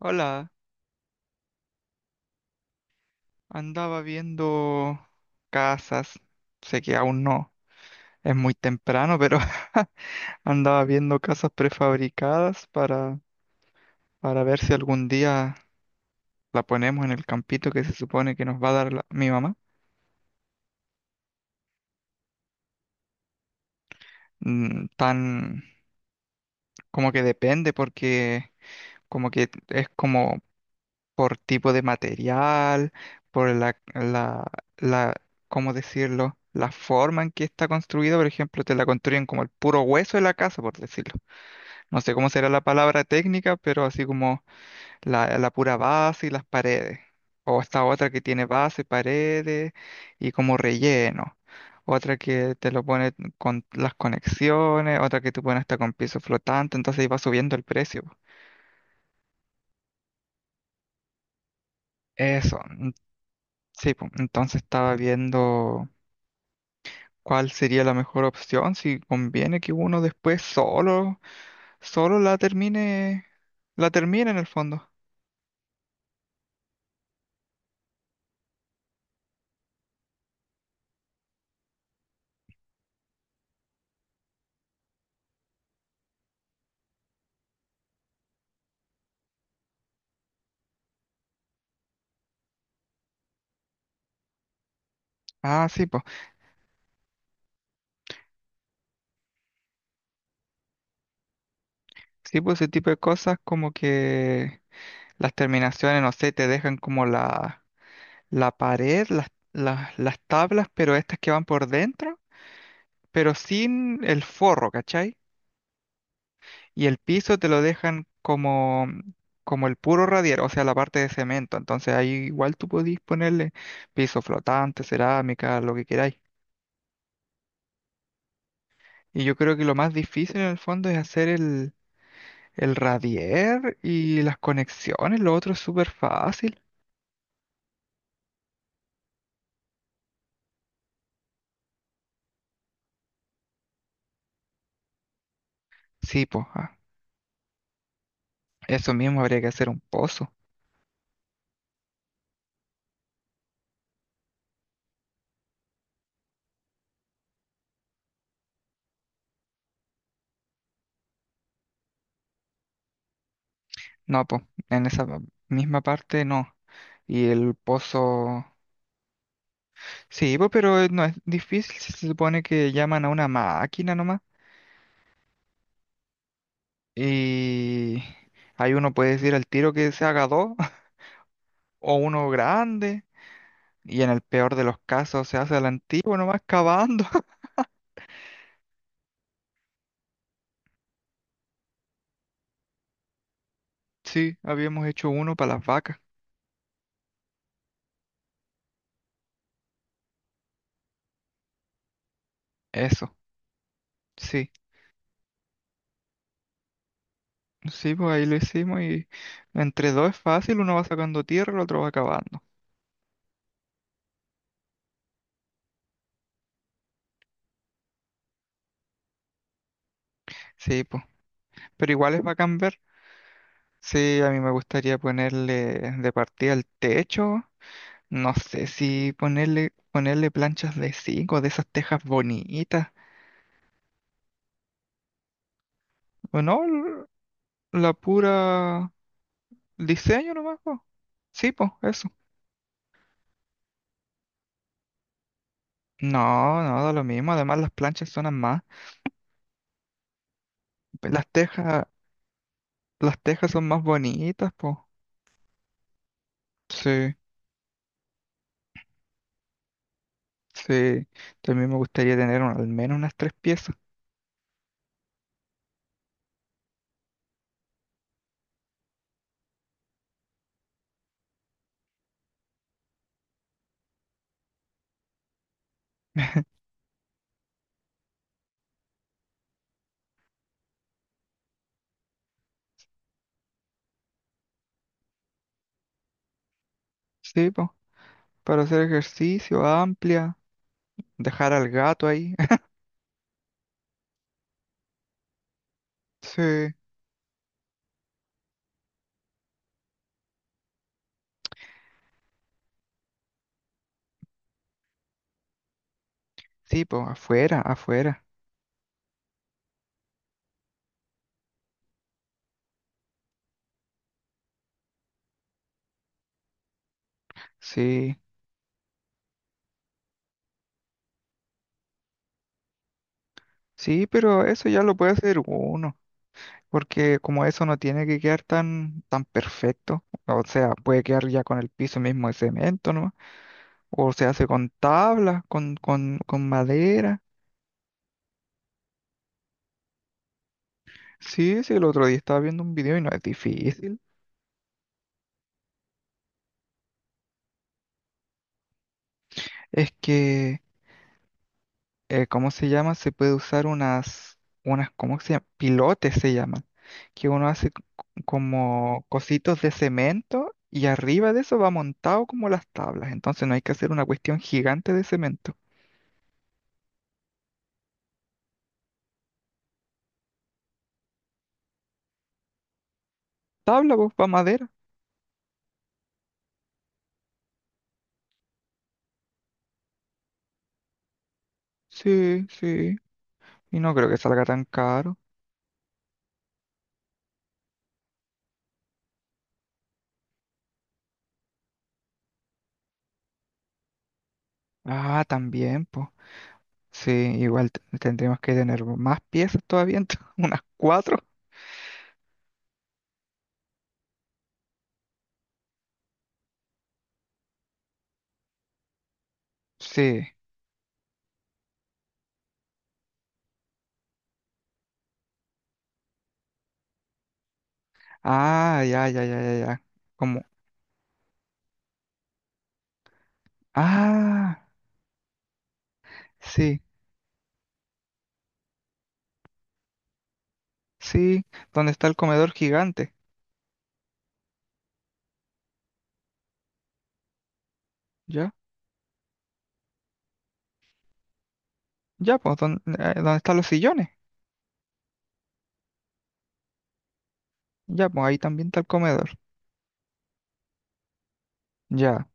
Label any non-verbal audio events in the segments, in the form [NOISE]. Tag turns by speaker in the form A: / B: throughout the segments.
A: Hola, andaba viendo casas. Sé que aún no es muy temprano, pero [LAUGHS] andaba viendo casas prefabricadas para ver si algún día la ponemos en el campito que se supone que nos va a dar mi mamá. Tan como que depende porque como que es como por tipo de material, por la, ¿cómo decirlo? La forma en que está construida. Por ejemplo, te la construyen como el puro hueso de la casa, por decirlo. No sé cómo será la palabra técnica, pero así como la pura base y las paredes. O esta otra que tiene base, paredes y como relleno. Otra que te lo pone con las conexiones, otra que te pone hasta con piso flotante, entonces iba subiendo el precio. Eso, sí, pues entonces estaba viendo cuál sería la mejor opción, si conviene que uno después solo la termine en el fondo. Ah, sí, pues. Sí, pues ese tipo de cosas, como que las terminaciones, no sé, te dejan como la pared, las tablas, pero estas que van por dentro, pero sin el forro, ¿cachai? Y el piso te lo dejan como el puro radier, o sea, la parte de cemento. Entonces ahí igual tú podís ponerle piso flotante, cerámica, lo que queráis. Y yo creo que lo más difícil en el fondo es hacer el radier y las conexiones, lo otro es súper fácil. Sí, pues. Ah, eso mismo, habría que hacer un pozo. No, pues, en esa misma parte no. Y el pozo... Sí, pues, pero no es difícil, si se supone que llaman a una máquina nomás. Y ahí uno puede decir al tiro que se haga dos [LAUGHS] o uno grande. Y en el peor de los casos se hace al antiguo nomás cavando. [LAUGHS] Sí, habíamos hecho uno para las vacas. Eso, sí. Sí, pues ahí lo hicimos y entre dos es fácil, uno va sacando tierra, el otro va cavando. Sí, pues. Pero igual es bacán ver. Sí, a mí me gustaría ponerle de partida el techo. No sé si ponerle planchas de zinc o de esas tejas bonitas. O no, la pura diseño nomás, po. Sí, pues, eso. No, no, da lo mismo. Además, las planchas son más. Las tejas, las tejas son más bonitas, pues. Sí, sí. También me gustaría tener al menos unas tres piezas. [LAUGHS] Sí, pues, para hacer ejercicio amplia, dejar al gato ahí. [LAUGHS] Sí. Sí, pues afuera, afuera. Sí, sí, pero eso ya lo puede hacer uno, porque como eso no tiene que quedar tan, tan perfecto, o sea, puede quedar ya con el piso mismo de cemento, ¿no? O se hace con tablas, con madera. Sí, sí, el otro día estaba viendo un video y no es difícil. Es que, ¿cómo se llama? Se puede usar unas, ¿cómo se llama? Pilotes se llaman, que uno hace como cositos de cemento y arriba de eso va montado como las tablas. Entonces no hay que hacer una cuestión gigante de cemento. Tabla, pues, va madera. Sí, sí. Y no creo que salga tan caro. Ah, también, pues. Sí, igual tendríamos que tener más piezas todavía, entonces, [LAUGHS] unas cuatro. Sí. Ah, ya, ya, ya, ya, ya. Como, ah, sí, sí. ¿Dónde está el comedor gigante? Ya, ya, pues, ¿dónde, dónde están los sillones? Ya, pues, ahí también está el comedor. Ya,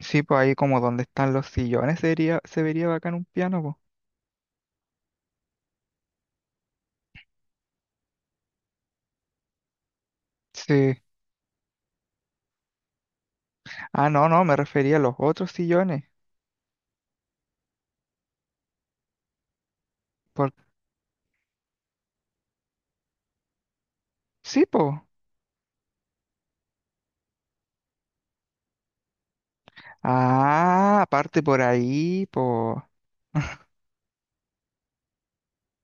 A: sí, pues ahí como donde están los sillones sería, se vería bacán un piano, pues. Sí. Ah, no, no, me refería a los otros sillones. Por... Sí, pues. Ah, aparte por ahí, pues. [LAUGHS]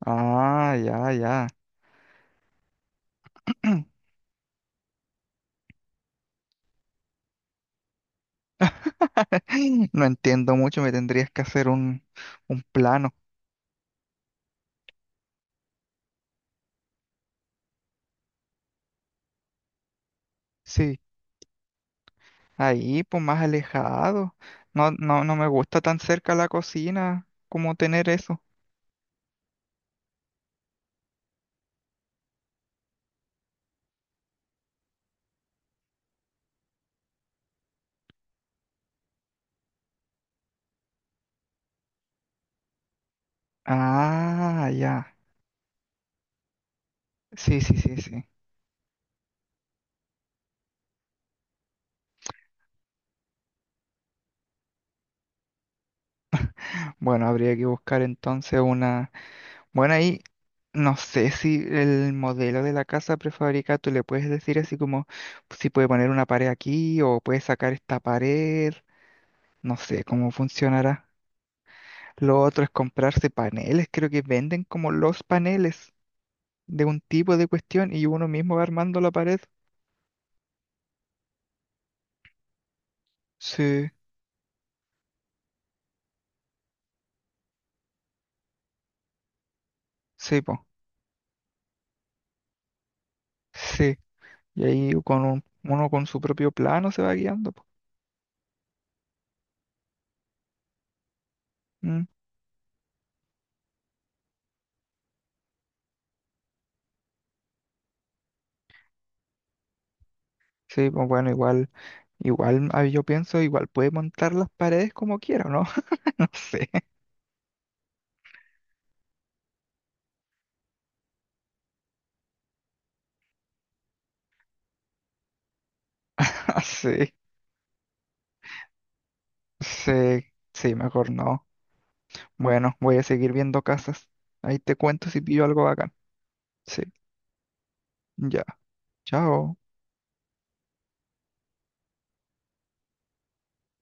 A: Ah, ya, ya. [CLEARS THROAT] No entiendo mucho, me tendrías que hacer un plano. Sí, ahí, pues más alejado. No, no, no me gusta tan cerca la cocina como tener eso. Ah, ya. Sí, sí, sí, sí. Bueno, habría que buscar entonces una... Bueno, ahí no sé si el modelo de la casa prefabricada tú le puedes decir así como si puede poner una pared aquí o puede sacar esta pared, no sé cómo funcionará. Lo otro es comprarse paneles, creo que venden como los paneles de un tipo de cuestión y uno mismo va armando la pared. Sí, sí, po, sí. Y ahí con uno con su propio plano se va guiando, po. Mm, Sí, pues bueno, igual igual, yo pienso, igual puede montar las paredes como quiera, ¿no? [LAUGHS] No sé, [LAUGHS] sí, sí, sí, mejor no. Bueno, voy a seguir viendo casas. Ahí te cuento si pillo algo bacán. Sí, ya, chao.